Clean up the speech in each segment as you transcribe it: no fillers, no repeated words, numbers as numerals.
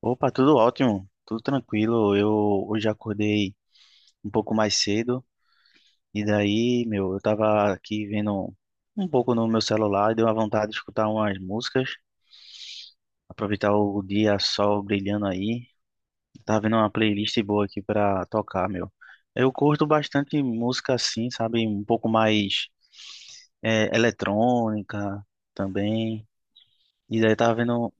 Opa, tudo ótimo, tudo tranquilo. Eu hoje acordei um pouco mais cedo e daí, meu, eu tava aqui vendo um pouco no meu celular e deu uma vontade de escutar umas músicas, aproveitar o dia, sol brilhando aí. Tava vendo uma playlist boa aqui pra tocar, meu. Eu curto bastante música assim, sabe, um pouco mais eletrônica também. E daí tava vendo.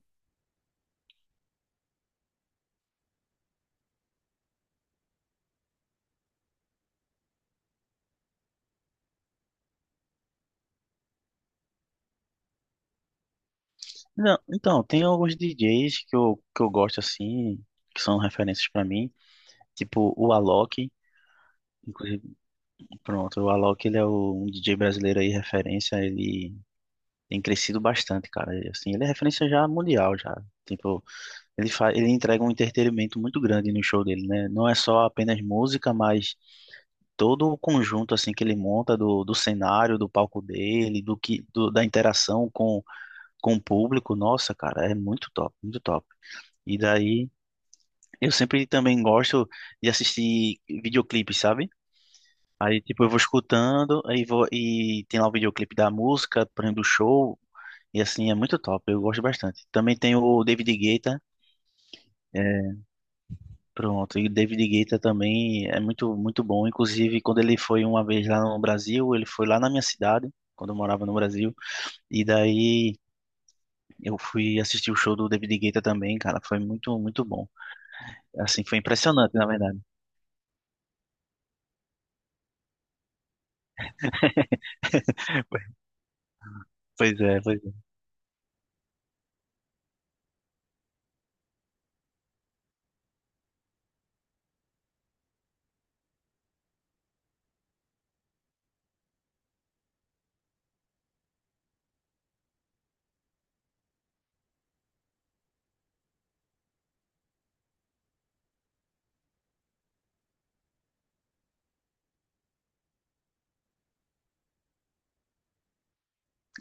Não, então, tem alguns DJs que eu gosto assim, que são referências pra mim. Tipo, o Alok, inclusive, pronto, o Alok, ele é um DJ brasileiro aí, referência, ele tem crescido bastante, cara. E, assim, ele é referência já mundial, já. Tipo, ele entrega um entretenimento muito grande no show dele, né? Não é só apenas música, mas todo o conjunto, assim, que ele monta do cenário, do palco dele, da interação com o público. Nossa, cara, é muito top, muito top. E daí, eu sempre também gosto de assistir videoclipes, sabe? Aí, tipo, eu vou escutando, aí vou, e tem lá o videoclipe da música, por exemplo, do show, e assim, é muito top, eu gosto bastante. Também tem o David Guetta, é, pronto, e o David Guetta também é muito, muito bom, inclusive, quando ele foi uma vez lá no Brasil, ele foi lá na minha cidade, quando eu morava no Brasil, e daí eu fui assistir o show do David Guetta também, cara, foi muito, muito bom. Assim, foi impressionante, na verdade. Pois é, pois é.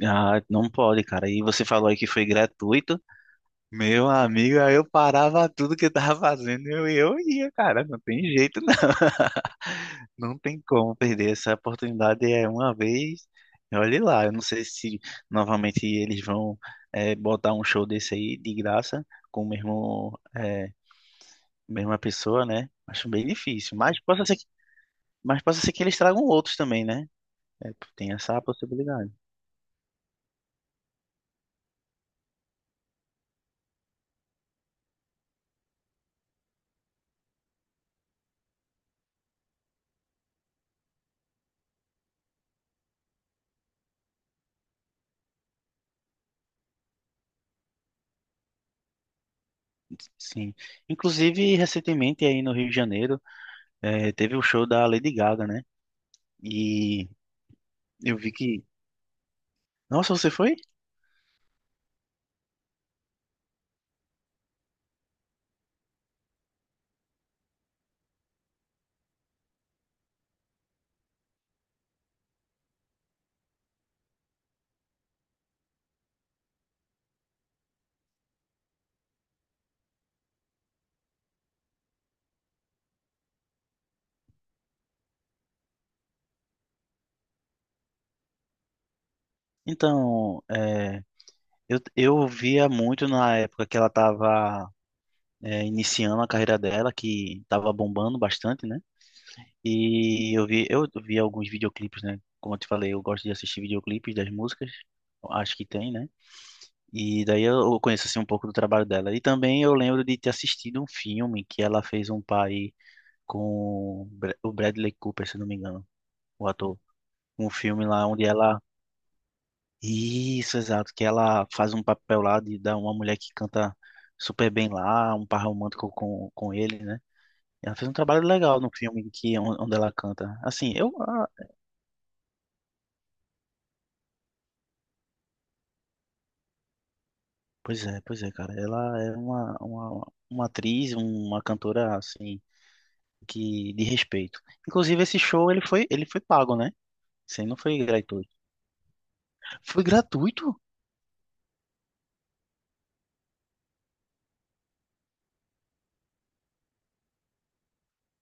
Ah, não pode, cara. E você falou aí que foi gratuito. Meu amigo, aí eu parava tudo que eu tava fazendo e eu ia, cara, não tem jeito não. Não tem como perder essa oportunidade é uma vez. E olhe lá, eu não sei se novamente eles vão botar um show desse aí de graça com mesma pessoa, né? Acho bem difícil, mas possa ser que eles tragam outros também, né? É, tem essa possibilidade. Sim. Inclusive, recentemente aí no Rio de Janeiro, teve o show da Lady Gaga, né? E eu vi que. Nossa, você foi? Então, eu via muito na época que ela estava iniciando a carreira dela, que estava bombando bastante, né? E eu vi alguns videoclipes, né? Como eu te falei, eu gosto de assistir videoclipes das músicas, acho que tem, né? E daí eu conheço assim um pouco do trabalho dela. E também eu lembro de ter assistido um filme que ela fez um pai com o Bradley Cooper, se não me engano, o ator. Um filme lá onde ela. Isso, exato, que ela faz um papel lá de dar uma mulher que canta super bem lá, um par romântico com ele, né? Ela fez um trabalho legal no filme que onde ela canta. Assim, ah, pois é, cara, ela é uma atriz, uma cantora assim que de respeito. Inclusive esse show ele foi pago, né? Isso aí não foi gratuito. Foi gratuito?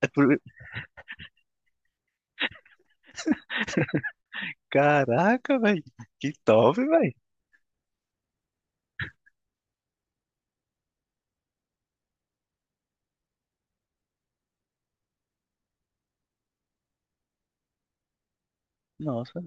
É por- Caraca, velho, que top, velho. Nossa.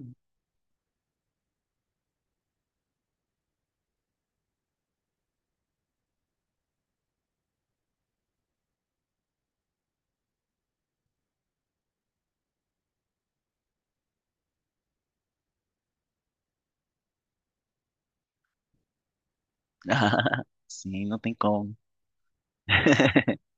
Sim, não tem como.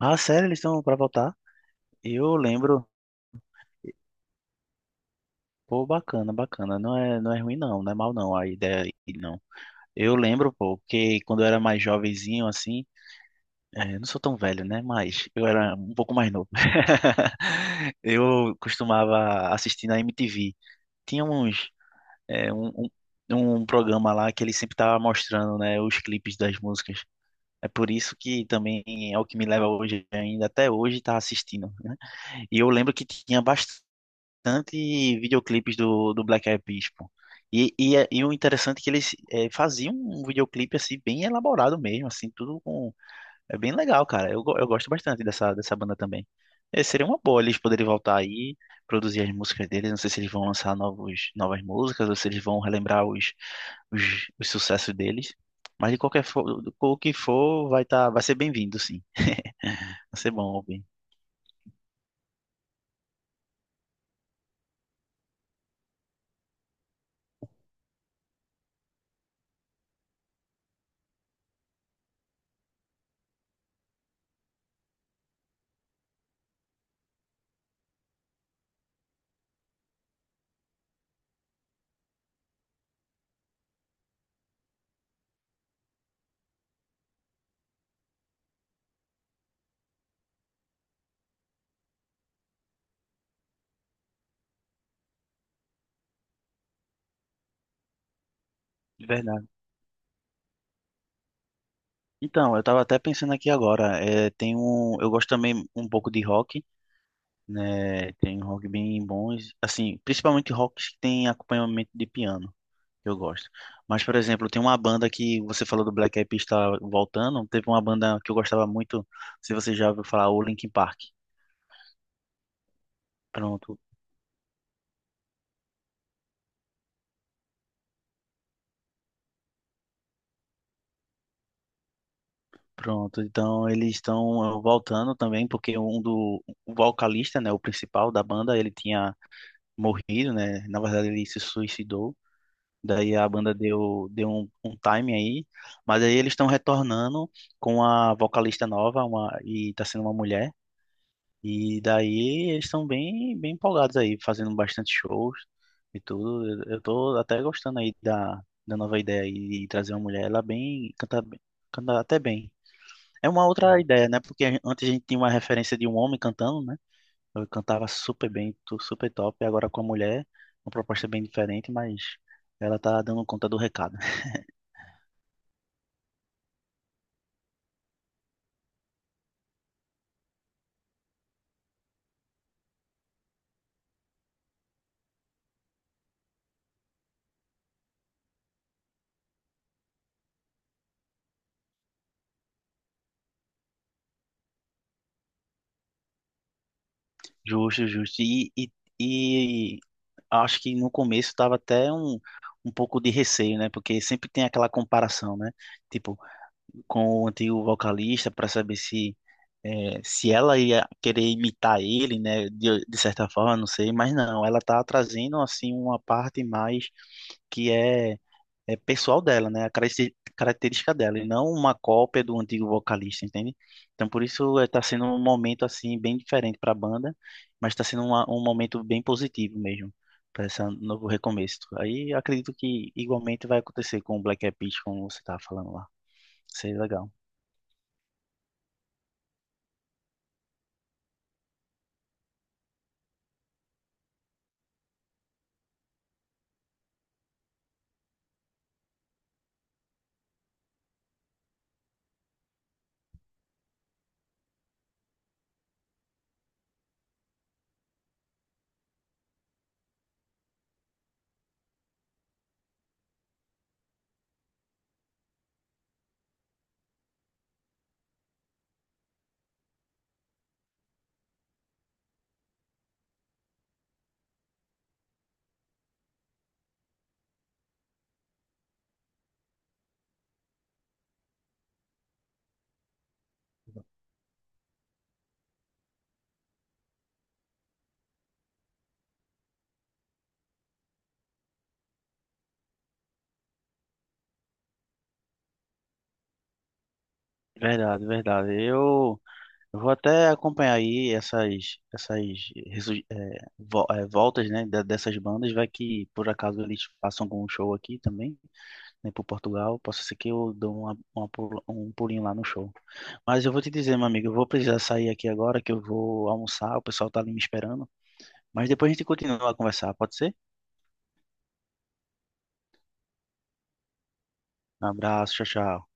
Ah, sério, eles estão pra voltar? Eu lembro. Pô, bacana, bacana. Não é ruim, não. Não é mal, não. A ideia aí, não. Eu lembro, pô, que quando eu era mais jovenzinho, assim. Eu não sou tão velho, né? Mas eu era um pouco mais novo. Eu costumava assistir na MTV. Tinha uns, eh, um programa lá que ele sempre tava mostrando, né? Os clipes das músicas. É por isso que também é o que me leva hoje, ainda até hoje, tá assistindo, né? E eu lembro que tinha bastante videoclipes do Black Eyed Peas, pô. E o interessante é que eles faziam um videoclipe assim bem elaborado mesmo, assim, tudo com é bem legal, cara. Eu gosto bastante dessa banda também. Seria uma boa eles poderem voltar aí, produzir as músicas deles. Não sei se eles vão lançar novos novas músicas ou se eles vão relembrar os sucessos deles. Mas o que for, vai ser bem-vindo, sim. Vai ser bom ouvir. De verdade. Então, eu tava até pensando aqui agora, eu gosto também um pouco de rock, né? Tem um rock bem bons, assim, principalmente rocks que tem acompanhamento de piano, eu gosto. Mas, por exemplo, tem uma banda que você falou do Black Eyed Peas está voltando, teve uma banda que eu gostava muito, se você já ouviu falar, o Linkin Park. Pronto, pronto. Então, eles estão voltando também, porque um do o vocalista, né, o principal da banda, ele tinha morrido, né? Na verdade, ele se suicidou. Daí a banda deu um time aí, mas aí eles estão retornando com a vocalista nova, e tá sendo uma mulher, e daí eles estão bem empolgados aí, fazendo bastante shows e tudo. Eu tô até gostando aí da nova ideia aí de trazer uma mulher, ela canta até bem. É uma outra ideia, né? Porque antes a gente tinha uma referência de um homem cantando, né? Eu cantava super bem, super top, e agora com a mulher, uma proposta bem diferente, mas ela tá dando conta do recado. Justo, justo. E acho que no começo estava até um pouco de receio, né? Porque sempre tem aquela comparação, né? Tipo, com o antigo vocalista, para saber se ela ia querer imitar ele, né? De certa forma, não sei. Mas não, ela tá trazendo, assim, uma parte mais que é pessoal dela, né? A característica dela, e não uma cópia do antigo vocalista, entende? Então, por isso está sendo um momento assim bem diferente para a banda, mas está sendo um momento bem positivo mesmo para esse novo recomeço. Aí eu acredito que igualmente vai acontecer com o Black Eyed Peas, como você estava falando lá. Seria legal. Verdade, verdade. Eu vou até acompanhar aí essas voltas, né, dessas bandas, vai que por acaso eles façam algum show aqui também. Nem por Portugal. Possa ser que eu dou um pulinho lá no show. Mas eu vou te dizer, meu amigo, eu vou precisar sair aqui agora, que eu vou almoçar, o pessoal tá ali me esperando. Mas depois a gente continua a conversar, pode ser? Um abraço, tchau, tchau.